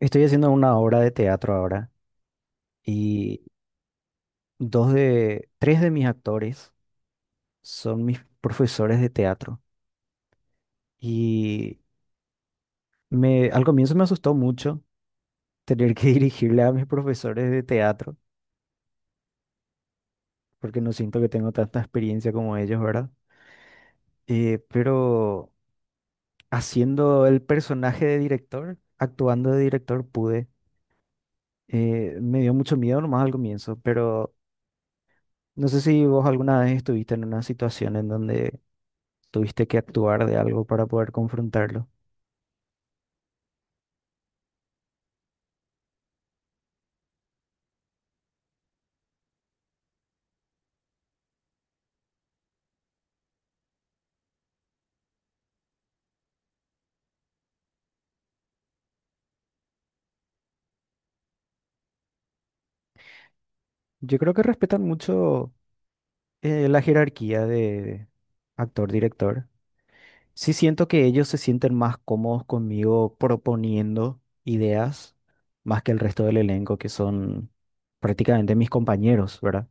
Estoy haciendo una obra de teatro ahora y tres de mis actores son mis profesores de teatro. Y al comienzo me asustó mucho tener que dirigirle a mis profesores de teatro, porque no siento que tengo tanta experiencia como ellos, ¿verdad? Pero haciendo el personaje de director, actuando de director, pude. Me dio mucho miedo nomás al comienzo, pero no sé si vos alguna vez estuviste en una situación en donde tuviste que actuar de algo para poder confrontarlo. Yo creo que respetan mucho la jerarquía de actor-director. Sí siento que ellos se sienten más cómodos conmigo proponiendo ideas más que el resto del elenco, que son prácticamente mis compañeros, ¿verdad?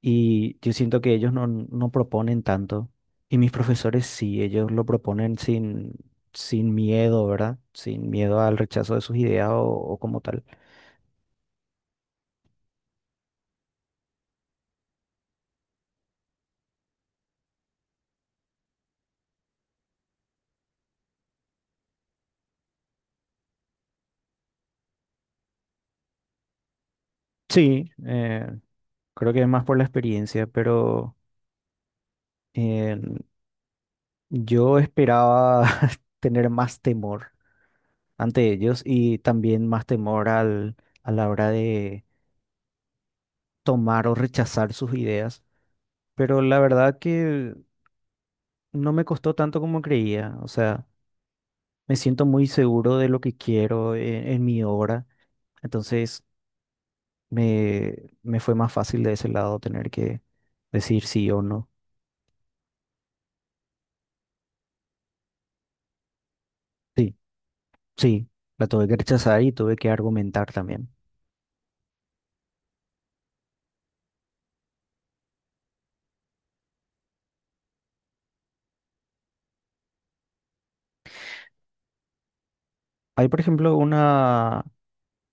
Y yo siento que ellos no, no proponen tanto. Y mis profesores sí, ellos lo proponen sin miedo, ¿verdad? Sin miedo al rechazo de sus ideas o como tal. Sí, creo que es más por la experiencia, pero eh, yo esperaba tener más temor ante ellos y también más temor a la hora de tomar o rechazar sus ideas. Pero la verdad que no me costó tanto como creía. O sea, me siento muy seguro de lo que quiero en mi obra. Entonces me, me fue más fácil de ese lado tener que decir sí o no. Sí, sí, la tuve que rechazar y tuve que argumentar también. Hay, por ejemplo,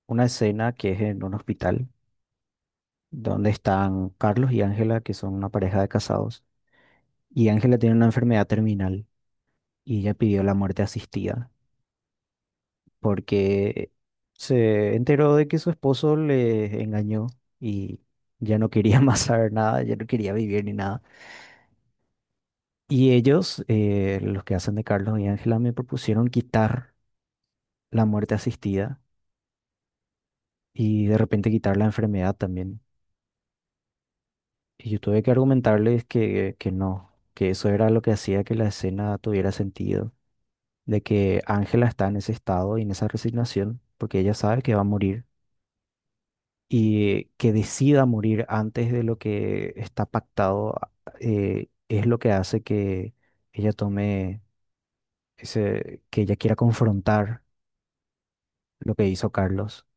una escena que es en un hospital donde están Carlos y Ángela, que son una pareja de casados, y Ángela tiene una enfermedad terminal y ella pidió la muerte asistida, porque se enteró de que su esposo le engañó y ya no quería más saber nada, ya no quería vivir ni nada. Y ellos, los que hacen de Carlos y Ángela, me propusieron quitar la muerte asistida y de repente quitar la enfermedad también. Y yo tuve que argumentarles que no, que eso era lo que hacía que la escena tuviera sentido, de que Ángela está en ese estado y en esa resignación, porque ella sabe que va a morir y que decida morir antes de lo que está pactado, es lo que hace que ella tome que ella quiera confrontar lo que hizo Carlos.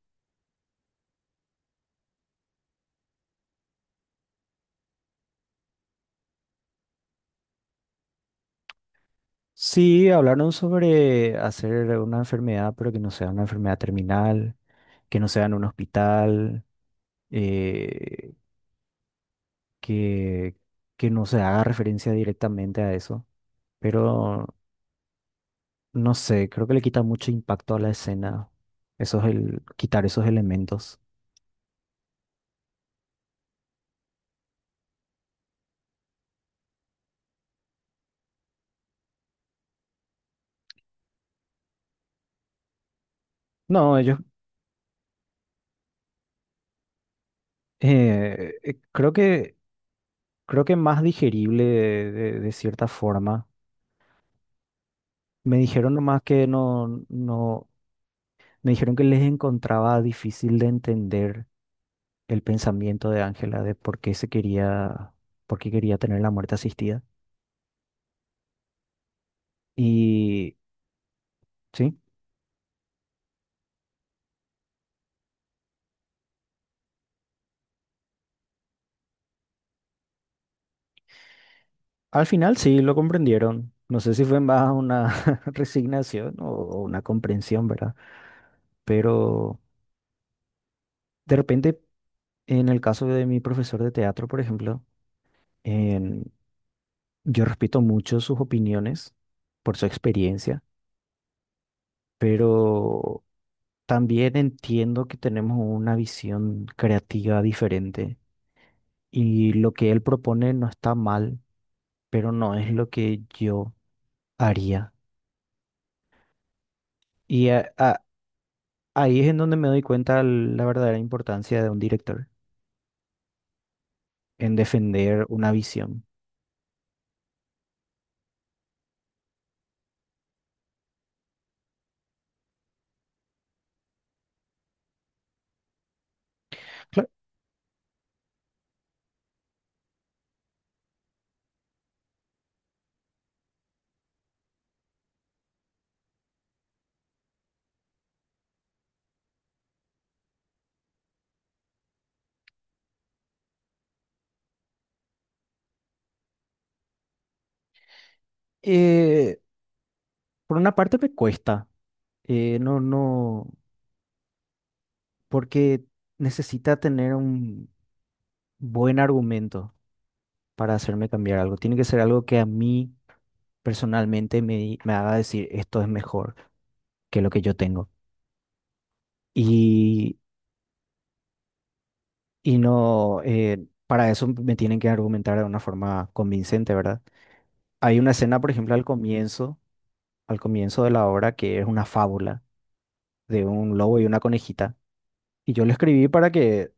Sí, hablaron sobre hacer una enfermedad, pero que no sea una enfermedad terminal, que no sea en un hospital, eh, que, que no se haga referencia directamente a eso. Pero no sé, creo que le quita mucho impacto a la escena, quitar esos elementos. No, ellos eh, eh, creo que creo que más digerible de cierta forma. Me dijeron nomás que no, me dijeron que les encontraba difícil de entender el pensamiento de Ángela de por qué se quería, por qué quería tener la muerte asistida. Y sí, al final sí lo comprendieron. No sé si fue más una resignación o una comprensión, ¿verdad? Pero de repente, en el caso de mi profesor de teatro, por ejemplo, Em, yo respeto mucho sus opiniones por su experiencia, pero también entiendo que tenemos una visión creativa diferente y lo que él propone no está mal, pero no es lo que yo haría. Y a- a- Ahí es en donde me doy cuenta la verdadera importancia de un director en defender una visión. Cla- eh, por una parte me cuesta, no, porque necesita tener un buen argumento para hacerme cambiar algo. Tiene que ser algo que a mí personalmente me haga decir esto es mejor que lo que yo tengo. Y, y no, para eso me tienen que argumentar de una forma convincente, ¿verdad? Hay una escena, por ejemplo, al comienzo de la obra que es una fábula de un lobo y una conejita. Y yo lo escribí para que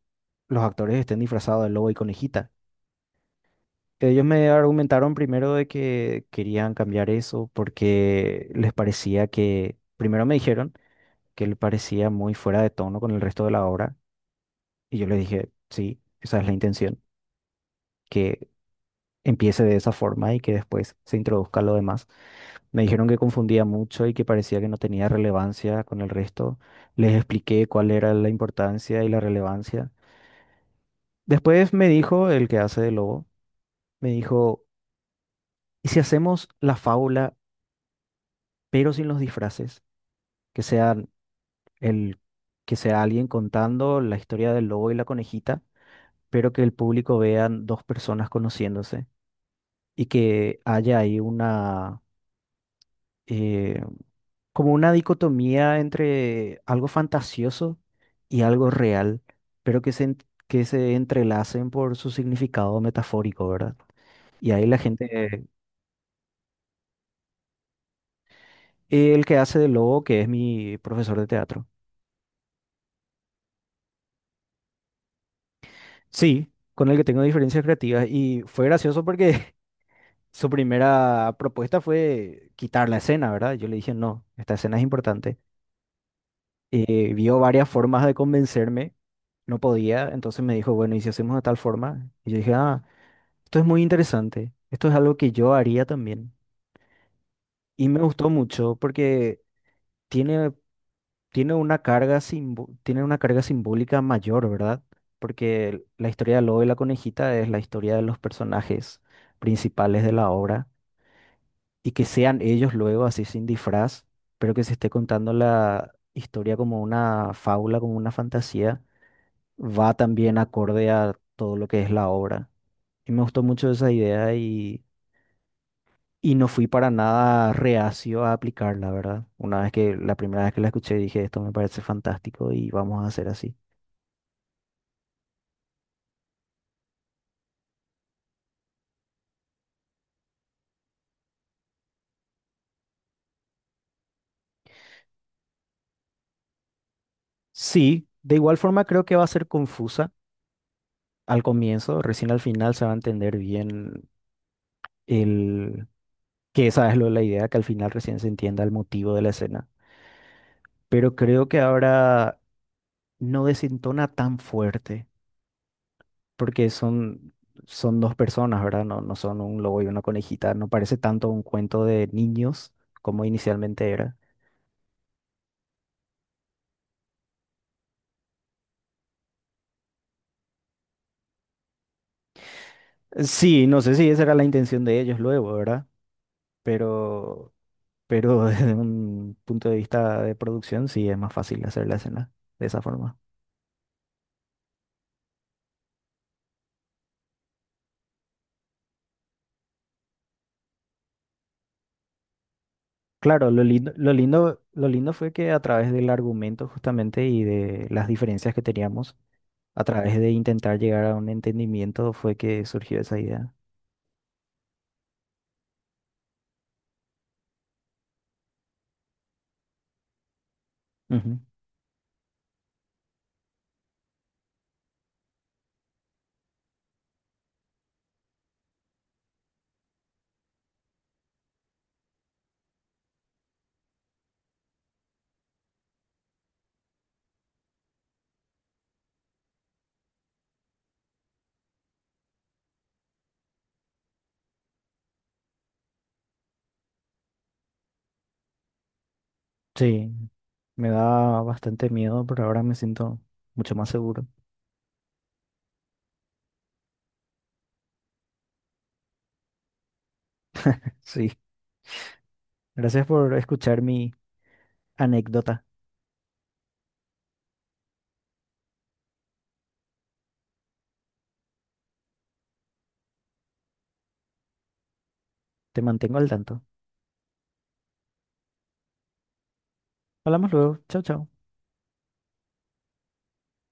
los actores estén disfrazados de lobo y conejita. Ellos me argumentaron primero de que querían cambiar eso porque les parecía que, primero me dijeron que le parecía muy fuera de tono con el resto de la obra y yo les dije, sí, esa es la intención, que empiece de esa forma y que después se introduzca lo demás. Me dijeron que confundía mucho y que parecía que no tenía relevancia con el resto. Les expliqué cuál era la importancia y la relevancia. Después me dijo el que hace de lobo, me dijo, ¿y si hacemos la fábula pero sin los disfraces? Que sea el que sea alguien contando la historia del lobo y la conejita, pero que el público vean dos personas conociéndose y que haya ahí una eh, como una dicotomía entre algo fantasioso y algo real, pero que se en- que se entrelacen por su significado metafórico, ¿verdad? Y ahí la gente, el que hace de lobo, que es mi profesor de teatro. Sí, con el que tengo diferencias creativas y fue gracioso porque su primera propuesta fue quitar la escena, ¿verdad? Yo le dije, no, esta escena es importante. Vio varias formas de convencerme, no podía, entonces me dijo, bueno, ¿y si hacemos de tal forma? Y yo dije, ah, esto es muy interesante, esto es algo que yo haría también. Y me gustó mucho porque tiene, tiene una tiene una carga simbólica mayor, ¿verdad? Porque la historia de Lobo y la conejita es la historia de los personajes principales de la obra y que sean ellos luego así sin disfraz, pero que se esté contando la historia como una fábula, como una fantasía, va también acorde a todo lo que es la obra. Y me gustó mucho esa idea y no fui para nada reacio a aplicarla, ¿verdad? La primera vez que la escuché dije, esto me parece fantástico y vamos a hacer así. Sí, de igual forma creo que va a ser confusa al comienzo, recién al final se va a entender bien el que esa la idea, que al final recién se entienda el motivo de la escena. Pero creo que ahora no desentona tan fuerte, porque son dos personas, ¿verdad? No, no son un lobo y una conejita, no parece tanto un cuento de niños como inicialmente era. Sí, no sé si esa era la intención de ellos luego, ¿verdad? Pero, pero desde un punto de vista de producción sí es más fácil hacer la escena de esa forma. Claro, lo lindo fue que a través del argumento justamente y de las diferencias que teníamos, a través de intentar llegar a un entendimiento fue que surgió esa idea. Ujú. Sí, me da bastante miedo, pero ahora me siento mucho más seguro. Sí, gracias por escuchar mi anécdota. Te mantengo al tanto. Hablamos luego. Chao, chao.